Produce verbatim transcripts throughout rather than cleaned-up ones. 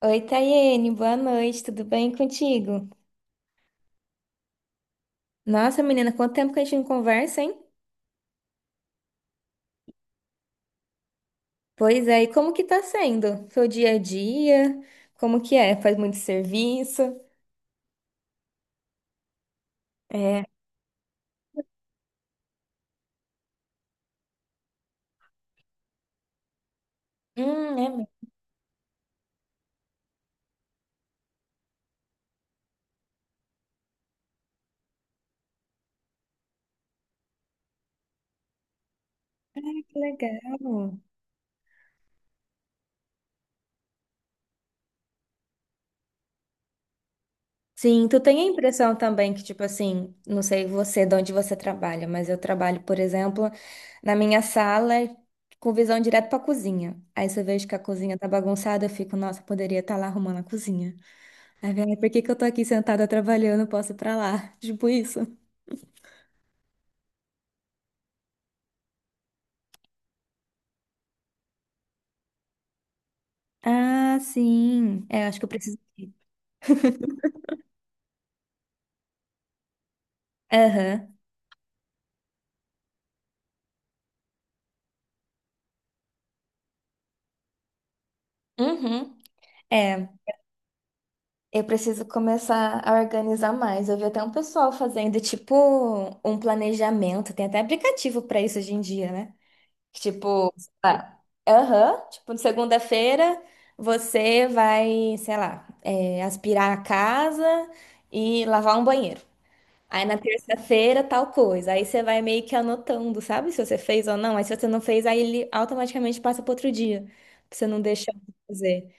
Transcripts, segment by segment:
Oi, Tayene, boa noite, tudo bem contigo? Nossa, menina, quanto tempo que a gente não conversa, hein? Pois é, e como que tá sendo? Seu dia a dia? Como que é? Faz muito serviço? É. Hum, é muito legal. Sim, tu tem a impressão também que, tipo assim, não sei você, de onde você trabalha, mas eu trabalho, por exemplo, na minha sala com visão direto pra cozinha. Aí se eu vejo que a cozinha tá bagunçada, eu fico, nossa, poderia estar lá arrumando a cozinha. Aí, velho, por que que eu tô aqui sentada trabalhando? Posso ir pra lá? Tipo isso. Ah, sim. É, acho que eu preciso. Aham. Uhum. É, eu preciso começar a organizar mais. Eu vi até um pessoal fazendo, tipo, um planejamento. Tem até aplicativo pra isso hoje em dia, né? Que, Tipo, sei lá, aham, tipo, segunda-feira você vai, sei lá, é, aspirar a casa e lavar um banheiro. Aí na terça-feira, tal coisa. Aí você vai meio que anotando, sabe? Se você fez ou não. Aí se você não fez, aí ele automaticamente passa para outro dia. Pra você não deixar de fazer.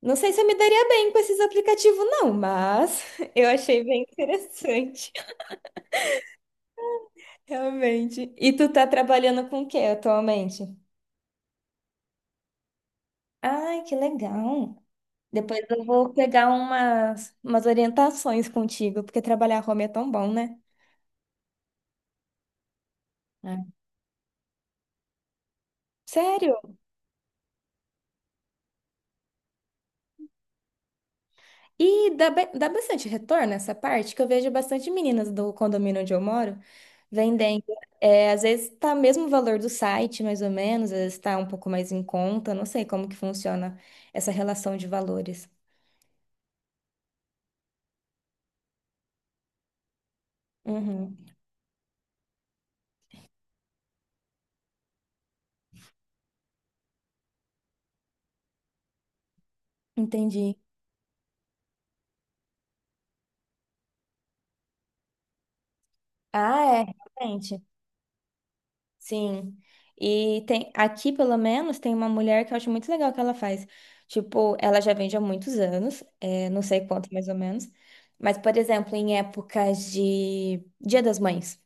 Não sei se eu me daria bem com esses aplicativos, não, mas eu achei bem interessante, realmente. E tu tá trabalhando com o que atualmente? Ai, que legal. Depois eu vou pegar umas, umas orientações contigo, porque trabalhar home é tão bom, né? É. Sério? E dá, ba- dá bastante retorno essa parte, que eu vejo bastante meninas do condomínio onde eu moro vendendo. É, às vezes tá mesmo o valor do site, mais ou menos, às vezes tá um pouco mais em conta, não sei como que funciona essa relação de valores. Uhum, entendi. Ah, é, realmente. Sim. E tem aqui, pelo menos, tem uma mulher que eu acho muito legal que ela faz. Tipo, ela já vende há muitos anos, é, não sei quanto mais ou menos. Mas, por exemplo, em épocas de Dia das Mães.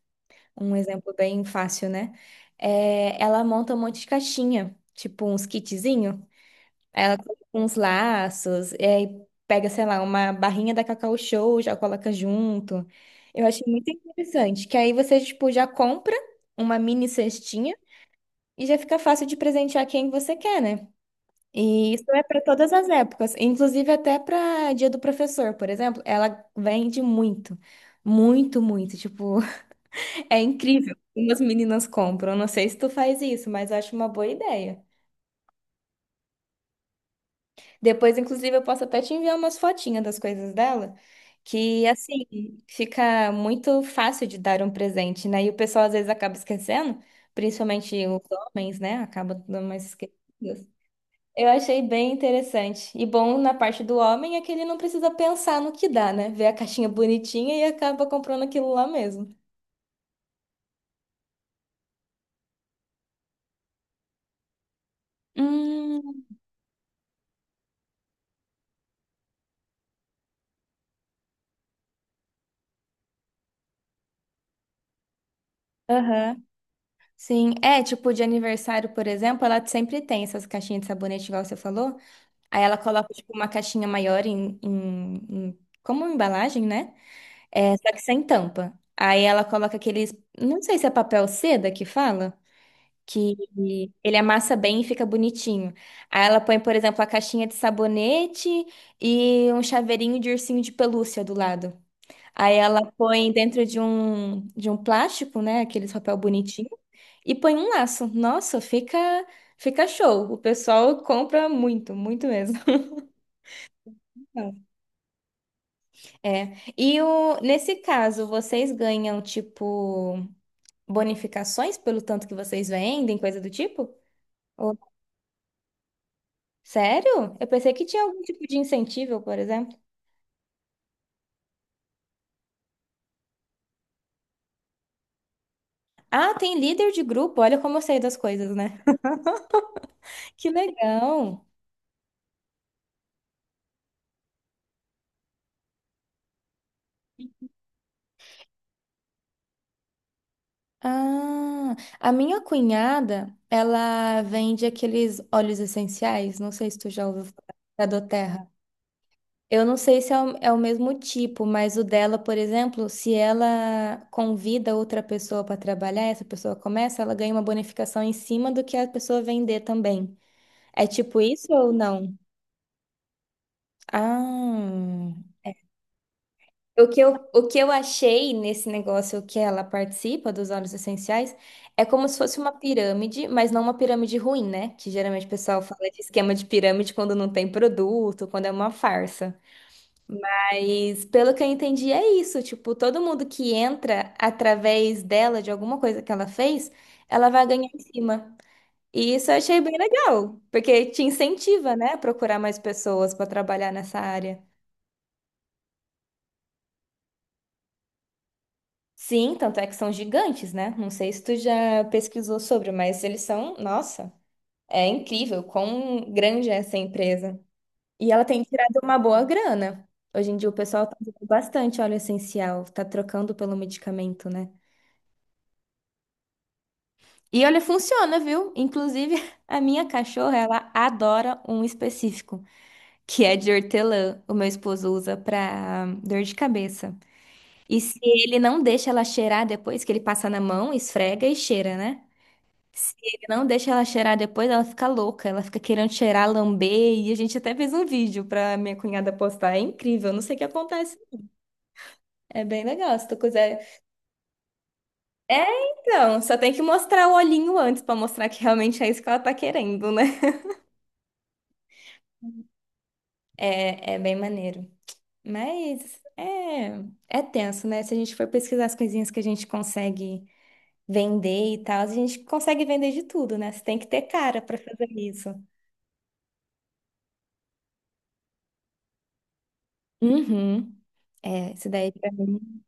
Um exemplo bem fácil, né? É, ela monta um monte de caixinha, tipo uns kitzinho. Aí Ela coloca uns laços, e aí pega, sei lá, uma barrinha da Cacau Show, já coloca junto. Eu achei muito interessante, que aí você, tipo, já compra uma mini cestinha e já fica fácil de presentear quem você quer, né? E isso é para todas as épocas, inclusive até para Dia do Professor, por exemplo, ela vende muito, muito, muito, tipo, é incrível como as meninas compram. Não sei se tu faz isso, mas eu acho uma boa ideia. Depois, inclusive, eu posso até te enviar umas fotinhas das coisas dela, que assim fica muito fácil de dar um presente, né? E o pessoal às vezes acaba esquecendo, principalmente os homens, né? Acabam dando mais esquecidas. Eu achei bem interessante. E bom na parte do homem é que ele não precisa pensar no que dá, né? Vê a caixinha bonitinha e acaba comprando aquilo lá mesmo. Hum, aham. Sim, é tipo de aniversário, por exemplo, ela sempre tem essas caixinhas de sabonete, igual você falou. Aí ela coloca tipo uma caixinha maior em, em- em- como embalagem, né? É, só que sem tampa. Aí ela coloca aqueles, não sei se é papel seda que fala, que ele amassa bem e fica bonitinho. Aí ela põe, por exemplo, a caixinha de sabonete e um chaveirinho de ursinho de pelúcia do lado. Aí ela põe dentro de um de um plástico, né? Aqueles papel bonitinho. E põe um laço. Nossa, fica, fica show. O pessoal compra muito, muito mesmo. É. E o, nesse caso, vocês ganham, tipo, bonificações pelo tanto que vocês vendem, coisa do tipo? Ou- Sério? Eu pensei que tinha algum tipo de incentivo, por exemplo. Ah, tem líder de grupo. Olha como eu sei das coisas, né? Que legal. Ah, a minha cunhada, ela vende aqueles óleos essenciais. Não sei se tu já ouviu falar da doTERRA. Eu não sei se é o, é o mesmo tipo, mas o dela, por exemplo, se ela convida outra pessoa para trabalhar, essa pessoa começa, ela ganha uma bonificação em cima do que a pessoa vender também. É tipo isso ou não? Ah. O que eu, o que eu achei nesse negócio que ela participa dos óleos essenciais é como se fosse uma pirâmide, mas não uma pirâmide ruim, né? Que geralmente o pessoal fala de esquema de pirâmide quando não tem produto, quando é uma farsa. Mas pelo que eu entendi, é isso. Tipo, todo mundo que entra através dela, de alguma coisa que ela fez, ela vai ganhar em cima. E isso eu achei bem legal, porque te incentiva, né, a procurar mais pessoas para trabalhar nessa área. Sim, tanto é que são gigantes, né? Não sei se tu já pesquisou sobre, mas eles são, nossa, é incrível quão grande é essa empresa. E ela tem tirado uma boa grana. Hoje em dia o pessoal tá usando bastante óleo essencial, tá trocando pelo medicamento, né? E olha, funciona, viu? Inclusive, a minha cachorra, ela adora um específico, que é de hortelã. O meu esposo usa pra dor de cabeça. E se ele não deixa ela cheirar depois, que ele passa na mão, esfrega e cheira, né? Se ele não deixa ela cheirar depois, ela fica louca, ela fica querendo cheirar, lamber. E a gente até fez um vídeo pra minha cunhada postar. É incrível, não sei o que acontece. É bem legal, se tu quiser. É, então, só tem que mostrar o olhinho antes pra mostrar que realmente é isso que ela tá querendo, né? É, é bem maneiro. Mas é, é tenso, né? Se a gente for pesquisar as coisinhas que a gente consegue vender e tal, a gente consegue vender de tudo, né? Você tem que ter cara pra fazer isso. Uhum. É, isso daí pra mim.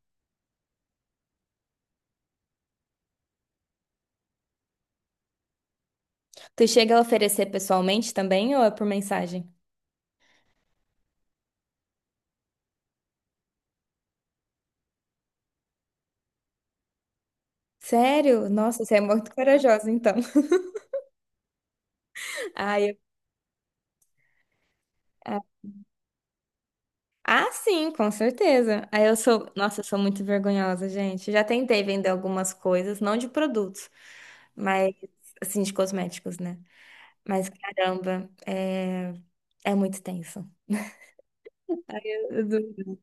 Tu chega a oferecer pessoalmente também ou é por mensagem? Sério? Nossa, você é muito corajosa, então. Ah, eu- ah, ah, sim, com certeza. Aí eu sou, nossa, eu sou muito vergonhosa, gente. Já tentei vender algumas coisas, não de produtos, mas assim, de cosméticos, né? Mas caramba, é, é muito tenso. Eu duvido.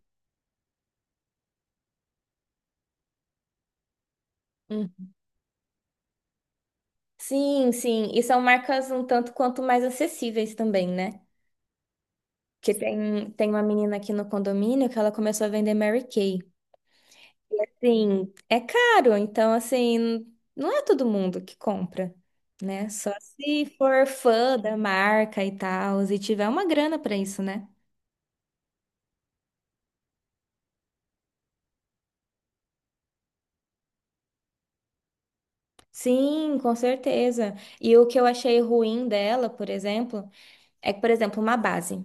Hum. Sim, sim. E são marcas um tanto quanto mais acessíveis também, né? Que tem, tem uma menina aqui no condomínio que ela começou a vender Mary Kay. Sim, é caro, então assim, não é todo mundo que compra, né? Só se for fã da marca e tal, e tiver uma grana pra isso, né? Sim, com certeza. E o que eu achei ruim dela, por exemplo, é que, por exemplo, uma base.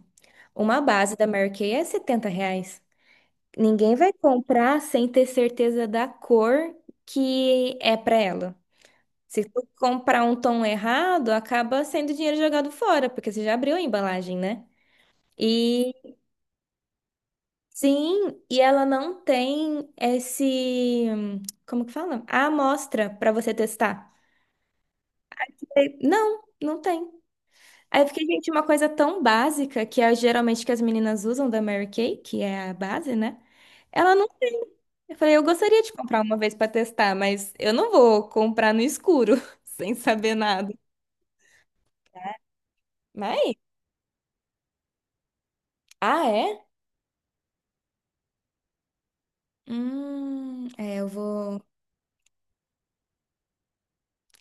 Uma base da Mary Kay é setenta reais. Ninguém vai comprar sem ter certeza da cor que é pra ela. Se tu comprar um tom errado, acaba sendo dinheiro jogado fora, porque você já abriu a embalagem, né? E sim, e ela não tem esse, como que fala? A amostra pra você testar. E, Não, não tem. Aí eu fiquei, gente, uma coisa tão básica, que é geralmente que as meninas usam da Mary Kay, que é a base, né? Ela não tem. Eu falei, eu gostaria de comprar uma vez pra testar, mas eu não vou comprar no escuro, sem saber nada. Mas, ah, é? Hum, é, eu vou.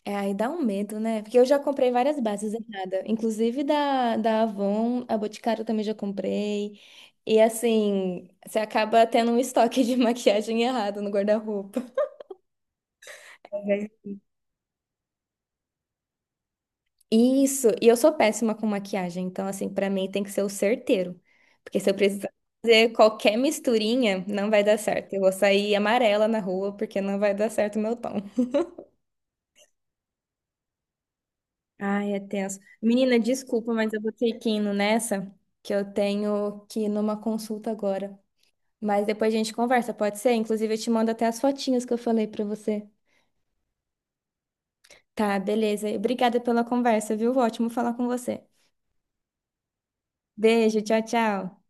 É, aí dá um medo, né? Porque eu já comprei várias bases erradas, inclusive da, da Avon, a Boticário também já comprei. E assim, você acaba tendo um estoque de maquiagem errado no guarda-roupa. Isso, e eu sou péssima com maquiagem, então assim, pra mim tem que ser o certeiro. Porque se eu precisar fazer qualquer misturinha, não vai dar certo. Eu vou sair amarela na rua porque não vai dar certo o meu tom. Ai, é tenso. Menina, desculpa, mas eu vou ter que ir indo nessa, que eu tenho que ir numa consulta agora. Mas depois a gente conversa, pode ser? Inclusive, eu te mando até as fotinhas que eu falei pra você. Tá, beleza. Obrigada pela conversa, viu? Ótimo falar com você. Beijo, tchau, tchau.